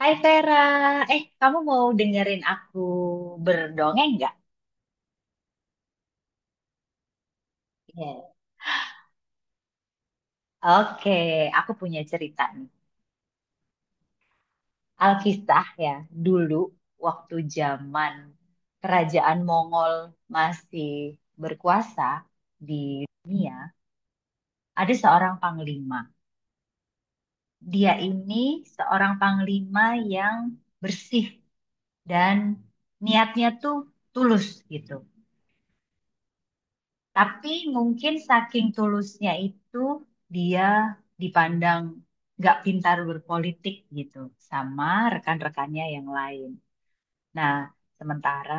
Hai Vera, kamu mau dengerin aku berdongeng nggak? Iya. Oke, aku punya cerita nih. Alkisah ya, dulu waktu zaman kerajaan Mongol masih berkuasa di dunia, ada seorang panglima. Dia ini seorang panglima yang bersih dan niatnya tuh tulus gitu. Tapi mungkin saking tulusnya itu dia dipandang nggak pintar berpolitik gitu sama rekan-rekannya yang lain. Nah, sementara,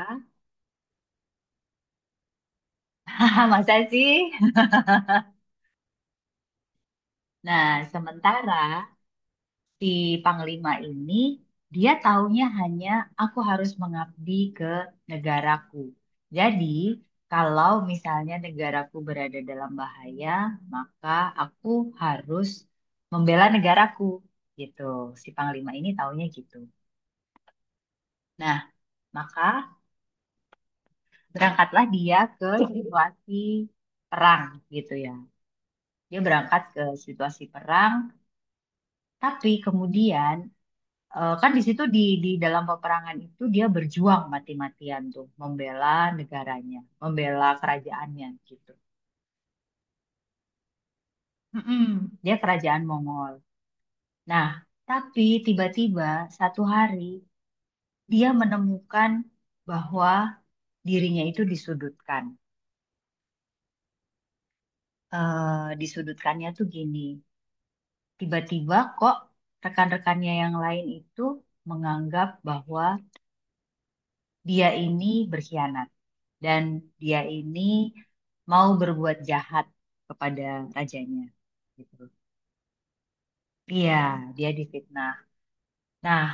masa sih? Nah, sementara si Panglima ini dia taunya hanya aku harus mengabdi ke negaraku. Jadi, kalau misalnya negaraku berada dalam bahaya, maka aku harus membela negaraku gitu. Si Panglima ini taunya gitu. Nah, maka berangkatlah dia ke situasi perang gitu ya. Dia berangkat ke situasi perang, tapi kemudian Eh, kan di situ di dalam peperangan itu dia berjuang mati-matian tuh membela negaranya, membela kerajaannya gitu. Mm-mm. Dia kerajaan Mongol. Nah, tapi tiba-tiba satu hari dia menemukan bahwa dirinya itu disudutkan. Eh, disudutkannya tuh gini, tiba-tiba kok rekan-rekannya yang lain itu menganggap bahwa dia ini berkhianat, dan dia ini mau berbuat jahat kepada rajanya gitu. Iya, dia difitnah. Nah,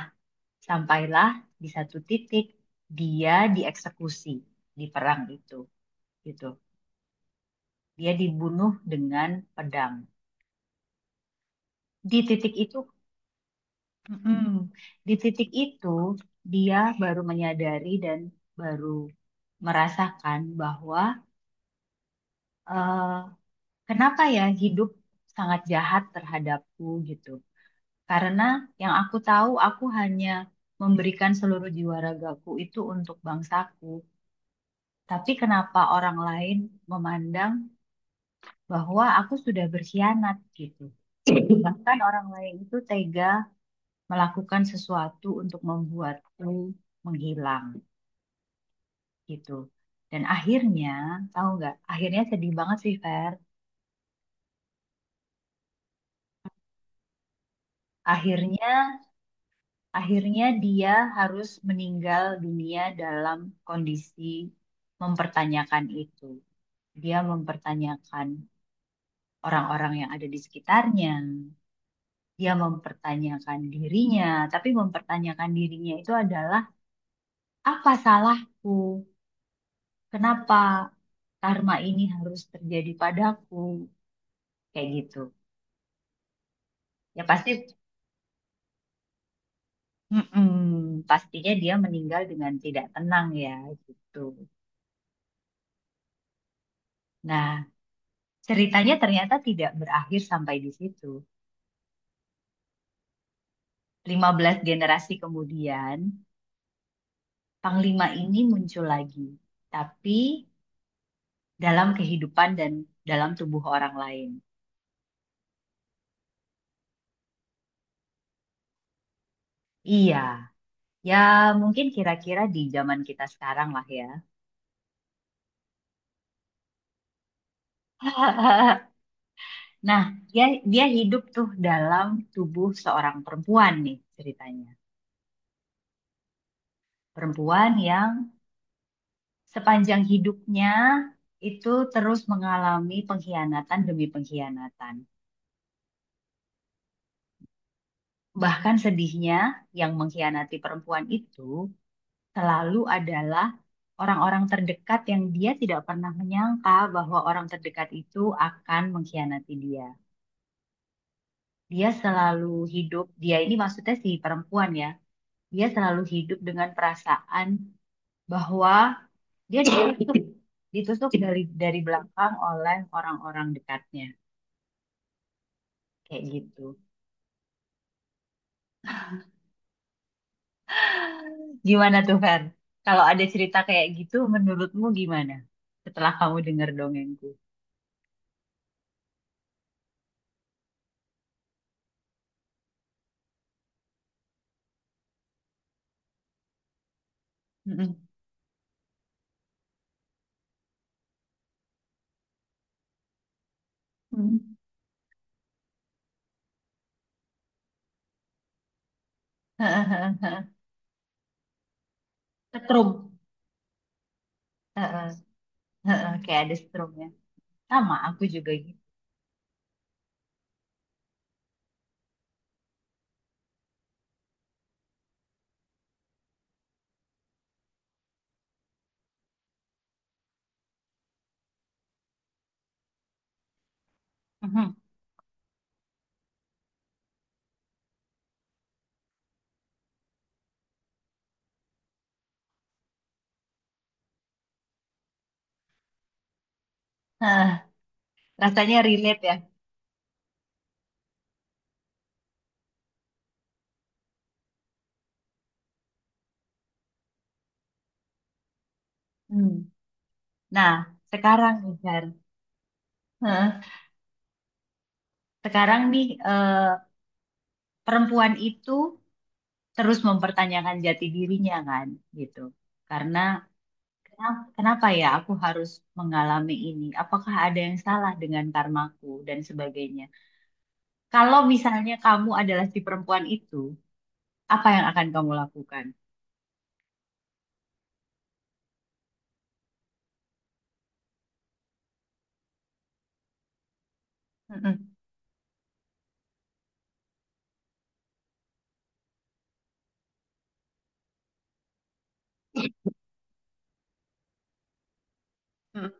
sampailah di satu titik dia dieksekusi di perang itu gitu. Dia dibunuh dengan pedang. Di titik itu, mm-mm, di titik itu dia baru menyadari dan baru merasakan bahwa eh, kenapa ya hidup sangat jahat terhadapku gitu. Karena yang aku tahu, aku hanya memberikan seluruh jiwa ragaku itu untuk bangsaku. Tapi kenapa orang lain memandang bahwa aku sudah berkhianat gitu? Bahkan orang lain itu tega melakukan sesuatu untuk membuatku menghilang gitu. Dan akhirnya, tahu nggak? Akhirnya sedih banget sih, Fer. Akhirnya Akhirnya dia harus meninggal dunia dalam kondisi mempertanyakan itu. Dia mempertanyakan orang-orang yang ada di sekitarnya. Dia mempertanyakan dirinya, tapi mempertanyakan dirinya itu adalah apa salahku? Kenapa karma ini harus terjadi padaku? Kayak gitu. Ya pasti, mm-mm, pastinya dia meninggal dengan tidak tenang ya gitu. Nah, ceritanya ternyata tidak berakhir sampai di situ. 15 generasi kemudian, Panglima ini muncul lagi, tapi dalam kehidupan dan dalam tubuh orang lain. Iya, ya mungkin kira-kira di zaman kita sekarang lah ya. Nah, dia, dia hidup tuh dalam tubuh seorang perempuan nih ceritanya. Perempuan yang sepanjang hidupnya itu terus mengalami pengkhianatan demi pengkhianatan. Bahkan sedihnya, yang mengkhianati perempuan itu selalu adalah orang-orang terdekat yang dia tidak pernah menyangka bahwa orang terdekat itu akan mengkhianati dia. Dia selalu hidup, dia ini maksudnya si perempuan ya, dia selalu hidup dengan perasaan bahwa dia ditusuk, ditusuk dari belakang oleh orang-orang dekatnya, kayak gitu. Gimana tuh, Fer? Kalau ada cerita kayak gitu, menurutmu gimana? Setelah kamu dengar dongengku. Mm-mm. Mm. Setrum. Heeh, heeh, kayak ada setrumnya. Sama, aku juga gitu. Mhm. Heeh, rasanya relate ya. Hmm. Nah, sekarang nih, Fer. Heeh, sekarang nih, perempuan itu terus mempertanyakan jati dirinya kan, gitu. Karena Kenapa ya aku harus mengalami ini? Apakah ada yang salah dengan karmaku dan sebagainya? Kalau misalnya kamu adalah si perempuan itu, apa yang akan kamu lakukan? Mm-mm. Mm-mm.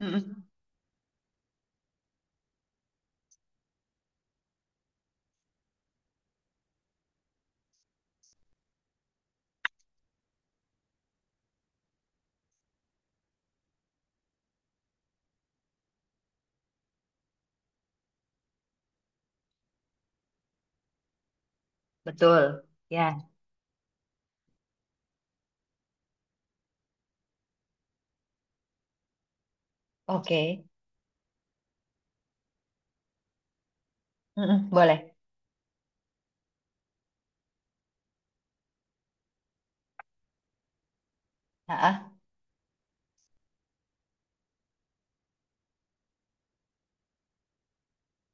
Mm-mm. Betul. Ya. Oke. Mm-mm. Boleh. Ah, ah,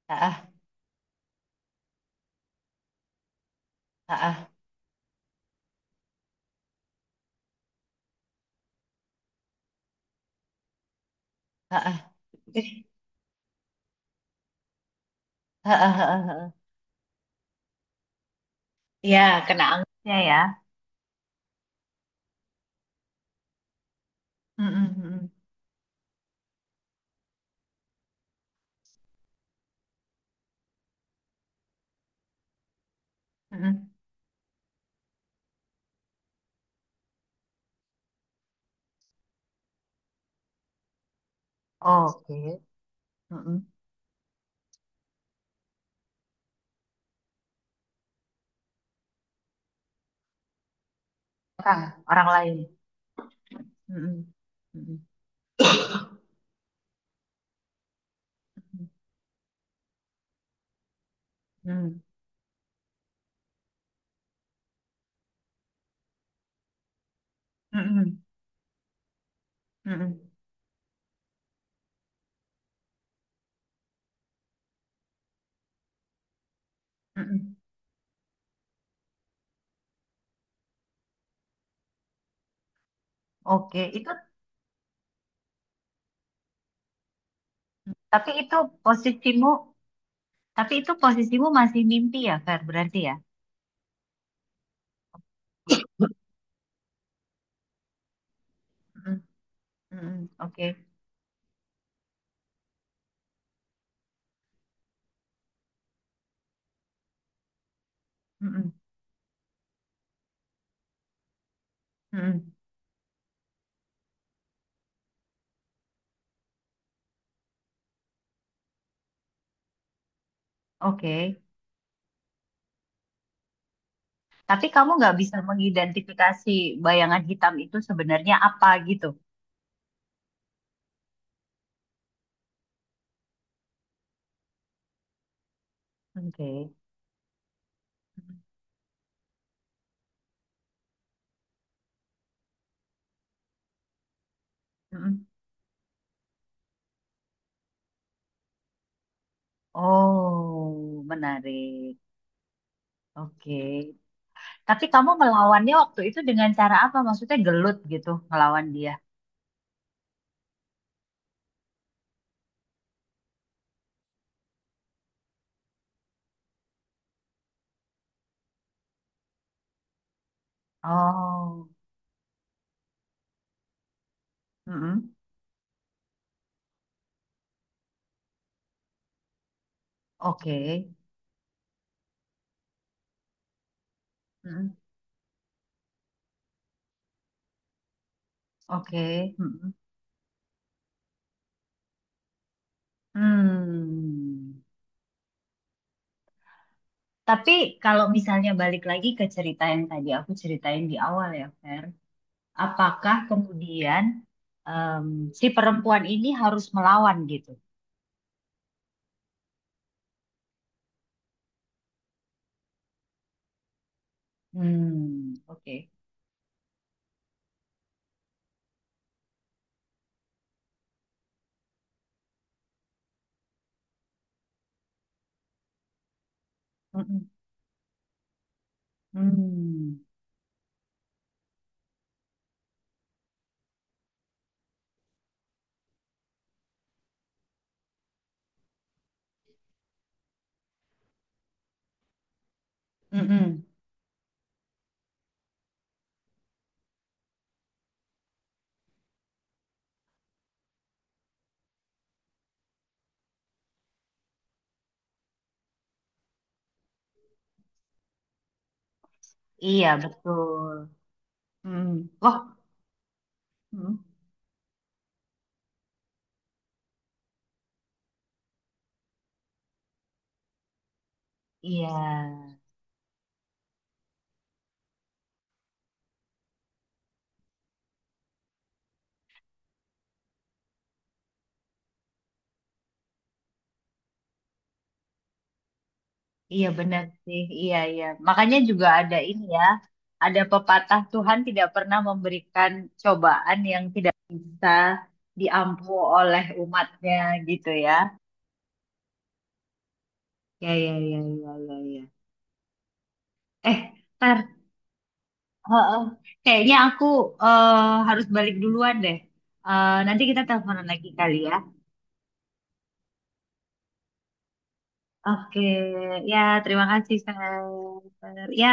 ah, ah, ah, ah. Ya kena angstnya ya. Mm-mm. Mm-mm. Mm-mm. Oke. Mm-mm. Orang, orang lain. Mm-mm. Mm-mm. Mm-mm. Mm-mm. Mm-mm. Mm-mm. Oke, itu, tapi itu posisimu, tapi itu posisimu masih mimpi ya, Fer, berarti ya? Mm-mm. Mm-mm. Oke. Mm-mm. Mm-mm. Oke. Tapi kamu nggak bisa mengidentifikasi bayangan hitam itu sebenarnya apa gitu? Oke. Mm-mm. Oh, menarik. Oke. Tapi kamu melawannya waktu itu dengan cara apa? Maksudnya gelut gitu, melawan dia? Oh. Mm-mm. Oke. Mm-mm. Oke. Mm-mm. Hmm. Tapi kalau misalnya balik lagi ke cerita yang tadi aku ceritain di awal ya, Fer, apakah kemudian em, si perempuan ini harus melawan gitu? Hmm, oke. Mm-mm. Hmm. Mm-mm. Iya, betul. Hmm. Wah. Hmm. Iya. Iya benar sih, iya iya. Makanya juga ada ini ya, ada pepatah Tuhan tidak pernah memberikan cobaan yang tidak bisa diampu oleh umatnya gitu ya. Ya ya ya ya ya ya. Eh, ntar, heeh. Kayaknya aku harus balik duluan deh. Eh, nanti kita teleponan lagi kali ya. Oke, ya terima kasih saya. Ya.